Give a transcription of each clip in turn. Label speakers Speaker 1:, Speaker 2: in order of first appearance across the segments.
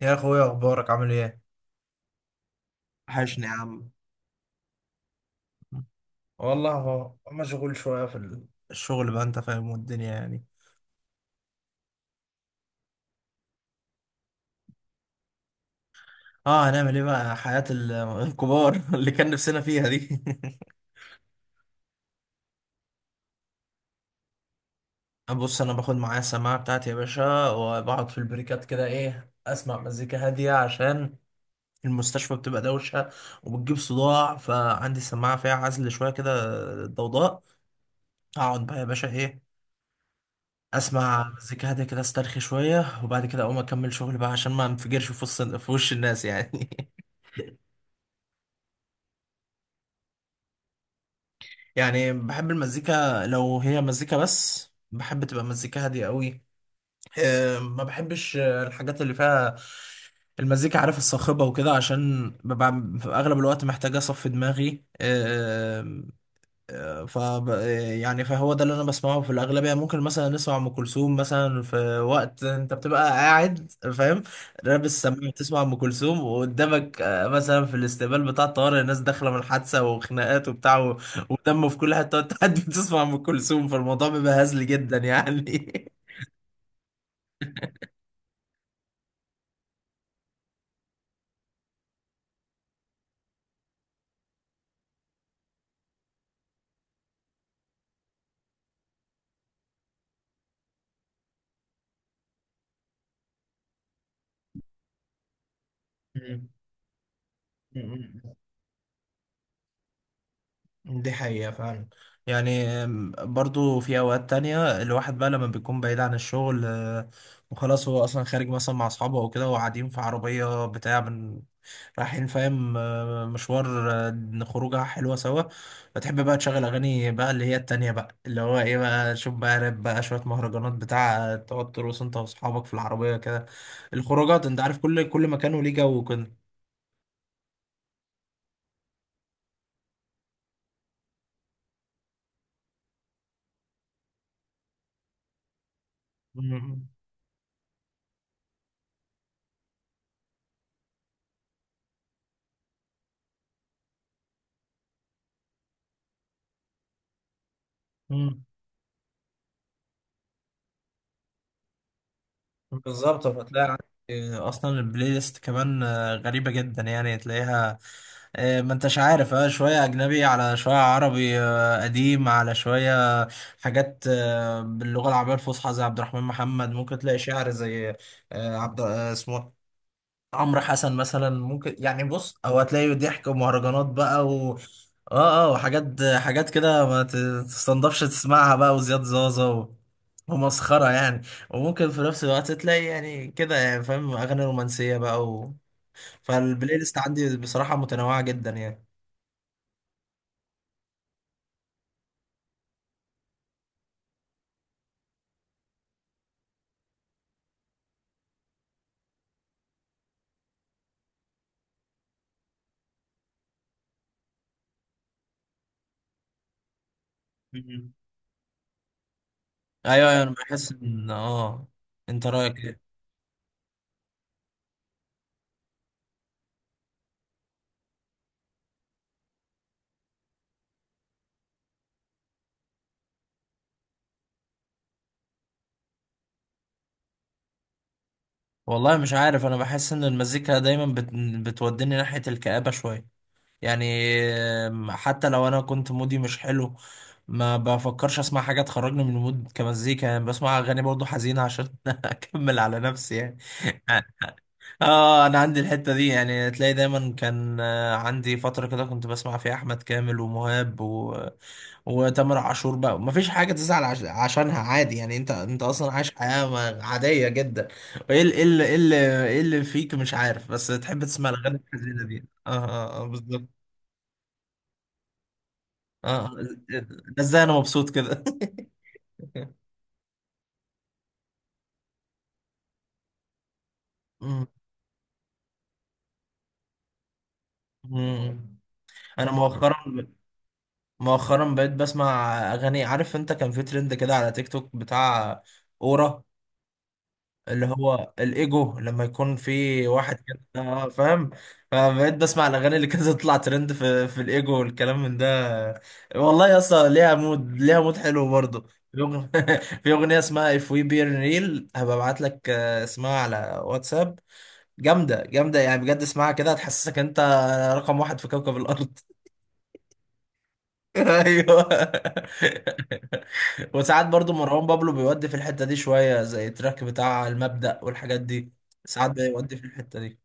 Speaker 1: يا اخويا، اخبارك عامل ايه؟ وحشني يا عم. والله هو مشغول شويه في الشغل بقى، انت فاهم، والدنيا يعني. اه هنعمل ايه بقى، حياه الكبار اللي كان نفسنا فيها دي. بص، انا باخد معايا السماعه بتاعتي يا باشا، وبقعد في البريكات كده، ايه، اسمع مزيكا هاديه عشان المستشفى بتبقى دوشه وبتجيب صداع، فعندي السماعه فيها عزل شويه كده، ضوضاء. اقعد بقى يا باشا، ايه، اسمع مزيكا هاديه كده، استرخي شويه، وبعد كده اقوم اكمل شغل بقى عشان ما انفجرش في وش الناس يعني. يعني بحب المزيكا، لو هي مزيكا بس بحب تبقى مزيكا هاديه قوي. ما بحبش الحاجات اللي فيها المزيكا، عارف، الصاخبه وكده، عشان ببقى في اغلب الوقت محتاج اصفي دماغي. ف يعني فهو ده اللي انا بسمعه في الاغلبيه. ممكن مثلا نسمع ام كلثوم مثلا في وقت انت بتبقى قاعد، فاهم، لابس سماعه، بتسمع ام كلثوم، وقدامك مثلا في الاستقبال بتاع الطوارئ، الناس داخله من حادثه وخناقات وبتاع ودم في كل حته، وانت قاعد بتسمع ام كلثوم، فالموضوع بيبقى هزلي جدا يعني. مم. دي حقيقة فعلا. يعني برضو في أوقات تانية الواحد بقى لما بيكون بعيد عن الشغل وخلاص، هو أصلا خارج مثلا مع أصحابه أو كده، وقاعدين في عربية بتاع من، رايحين، فاهم، مشوار، خروجة حلوة سوا. فتحب بقى تشغل أغاني بقى اللي هي التانية بقى، اللي هو إيه بقى، شوف بقى راب بقى، شوية مهرجانات بتاع، تقعد ترقص أنت وأصحابك في العربية كده. الخروجات أنت عارف، كل مكان وليه جو وكده. مم. بالظبط. فتلاقي عندي اصلا البلاي ليست كمان غريبه جدا يعني، تلاقيها ما انتش عارف، اه، شويه اجنبي على شويه عربي، قديم، على شويه حاجات باللغه العربيه الفصحى زي عبد الرحمن محمد. ممكن تلاقي شعر زي آه، عبد آه، اسمه عمرو حسن مثلا. ممكن، يعني، بص، او هتلاقي ضحك ومهرجانات بقى و اه اه وحاجات حاجات كده ما تستنضفش تسمعها بقى، وزياد زازا ومسخرة يعني. وممكن في نفس الوقت تلاقي، يعني كده، يعني فاهم، أغاني رومانسية بقى فالبلاي ليست عندي بصراحة متنوعة جدا يعني. مم. أيوه أيوه، أنا بحس إن أنت رأيك إيه؟ والله مش عارف، أنا بحس إن المزيكا دايما بتوديني ناحية الكآبة شوية يعني. حتى لو انا كنت مودي مش حلو، ما بفكرش اسمع حاجه تخرجني من المود كمزيكا، يعني بسمع اغاني برضو حزينه عشان اكمل على نفسي يعني. اه، انا عندي الحته دي يعني، تلاقي دايما. كان عندي فتره كده كنت بسمع فيها احمد كامل ومهاب وتامر عاشور بقى. ما فيش حاجه تزعل عشانها، عادي يعني، انت انت اصلا عايش حياه عاديه جدا. ايه ال- ايه ال- ايه اللي إيه اللي فيك، مش عارف، بس تحب تسمع الاغاني الحزينه دي. اه اه، آه بالظبط. اه. ده ازاي انا مبسوط كده؟ مم. مم. انا مؤخرا، مؤخرا بقيت بسمع اغاني. عارف انت كان في ترند كده على تيك توك بتاع اورا، اللي هو الايجو، لما يكون في واحد كده فاهم. فبقيت بسمع الاغاني اللي كانت تطلع ترند في الايجو والكلام من ده. والله يا اسطى، ليها مود، ليها مود حلو برضه. في اغنيه اسمها If We Be Real، هبقى ابعت لك اسمها على واتساب. جامدة جامدة يعني بجد، اسمعها كده هتحسسك انت رقم واحد في كوكب الأرض. ايوه. وساعات برضو مروان بابلو بيودي في الحتة دي شوية، زي التراك بتاع المبدأ والحاجات دي. ساعات بيودي في الحتة دي.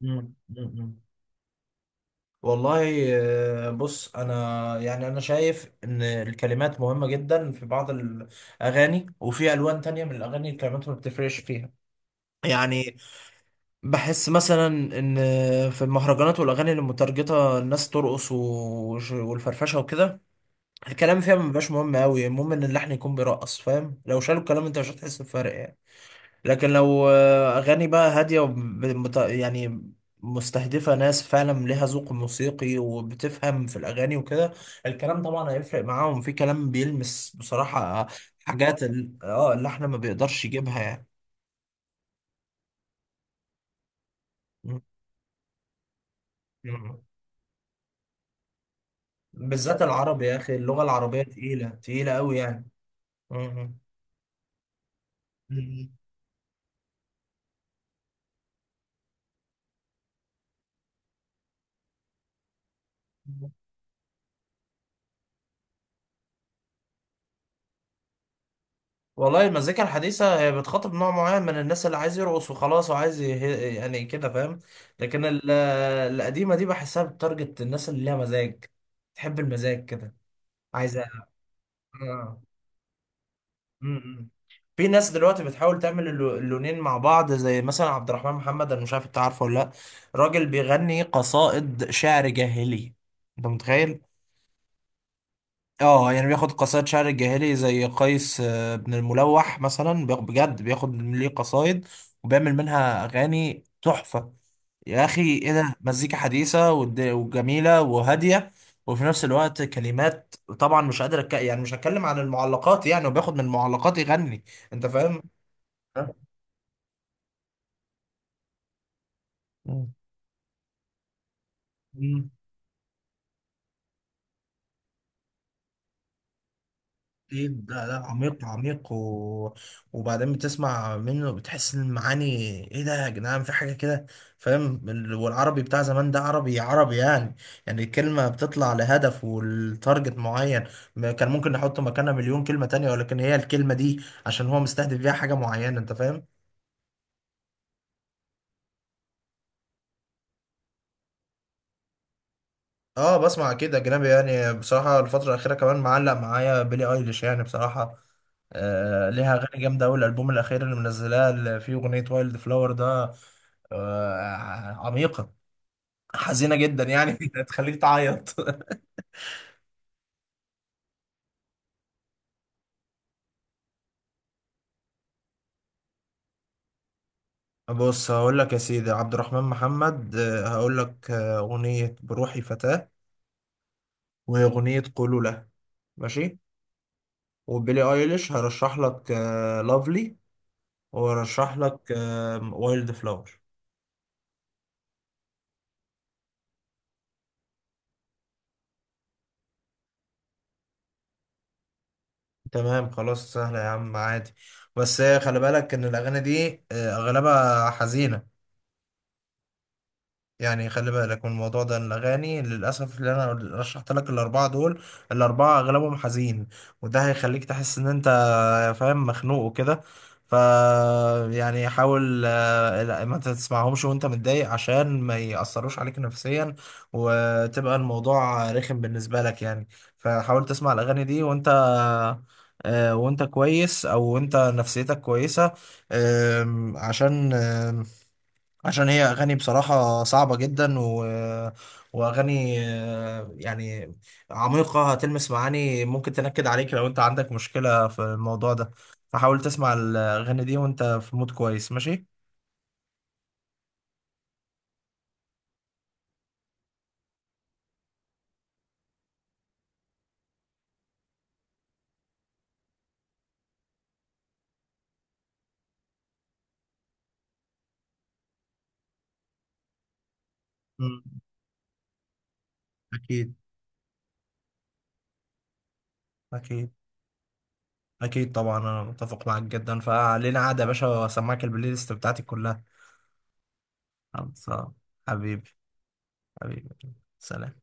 Speaker 1: مم. مم. والله، بص، انا يعني انا شايف ان الكلمات مهمة جدا في بعض الاغاني، وفي الوان تانية من الاغاني الكلمات ما بتفرقش فيها يعني. بحس مثلا ان في المهرجانات والاغاني اللي متارجته الناس ترقص والفرفشه وكده، الكلام فيها ما بيبقاش مهم قوي. المهم ان اللحن يكون بيرقص، فاهم، لو شالوا الكلام انت مش هتحس بفرق يعني. لكن لو اغاني بقى هاديه يعني مستهدفه ناس فعلا ليها ذوق موسيقي وبتفهم في الاغاني وكده، الكلام طبعا هيفرق معاهم. في كلام بيلمس بصراحه حاجات اللحن ما بيقدرش يجيبها يعني. بالذات العربي، يا اخي اللغه العربيه تقيله تقيله قوي يعني. مم. مم. والله المزيكا الحديثة هي بتخاطب نوع معين من الناس، اللي عايز يرقص وخلاص، وعايز يعني كده فاهم. لكن القديمة دي بحسها بتارجت الناس اللي ليها مزاج، تحب المزاج كده. عايزة. آه. م- م. في ناس دلوقتي بتحاول تعمل اللونين مع بعض، زي مثلا عبد الرحمن محمد. انا مش عارف انت عارفه ولا لا. راجل بيغني قصائد شعر جاهلي. انت متخيل؟ اه، يعني بياخد قصائد شعر الجاهلي زي قيس بن الملوح مثلا، بجد بياخد ليه قصايد وبيعمل منها اغاني تحفة. يا اخي ايه ده، مزيكا حديثة وجميلة وهادية، وفي نفس الوقت كلمات، طبعا مش قادر يعني مش هتكلم عن المعلقات يعني، وبياخد من المعلقات يغني. انت فاهم؟ أه. مم. أكيد. لا لا، عميق عميق وبعدين بتسمع منه بتحس ان المعاني، ايه ده يا جدعان، في حاجه كده، فاهم، والعربي بتاع زمان ده عربي عربي يعني. يعني الكلمه بتطلع لهدف، والتارجت معين. ما كان ممكن نحط مكانها مليون كلمه تانية، ولكن هي الكلمه دي عشان هو مستهدف بيها حاجه معينه، انت فاهم. اه بسمع كده اجنبي. يعني بصراحه الفتره الاخيره كمان معلق معايا بيلي ايليش، يعني بصراحه آه ليها اغاني جامده قوي، الالبوم الاخير اللي منزلاه اللي فيه اغنيه وايلد فلاور ده، آه عميقه، حزينه جدا يعني تخليك تعيط. بص هقول لك يا سيدي، عبد الرحمن محمد هقول لك أغنية بروحي فتاة، وأغنية قولوا له. ماشي. وبيلي ايليش هرشح لك لافلي، وهرشح لك وايلد فلاور. تمام. خلاص سهلة يا عم عادي. بس خلي بالك ان الاغاني دي اغلبها حزينة يعني. خلي بالك من الموضوع ده. الأغاني للأسف اللي أنا رشحت لك الأربعة دول، الأربعة أغلبهم حزين، وده هيخليك تحس إن أنت فاهم مخنوق وكده. ف يعني حاول، لا، ما تسمعهمش وأنت متضايق عشان ما يأثروش عليك نفسيا، وتبقى الموضوع رخم بالنسبة لك يعني. فحاول تسمع الأغاني دي وأنت وأنت كويس، أو أنت نفسيتك كويسة، عشان عشان هي اغاني بصراحه صعبه جدا واغاني يعني عميقه، هتلمس معاني ممكن تنكد عليك لو انت عندك مشكله في الموضوع ده. فحاول تسمع الاغاني دي وانت في مود كويس، ماشي. مم. اكيد اكيد. اكيد طبعا انا متفق معاك جدا. فعلينا قاعده يا باشا واسمعك البلاي ليست بتاعتي كلها. خلاص. حبيبي. حبيبي. سلام.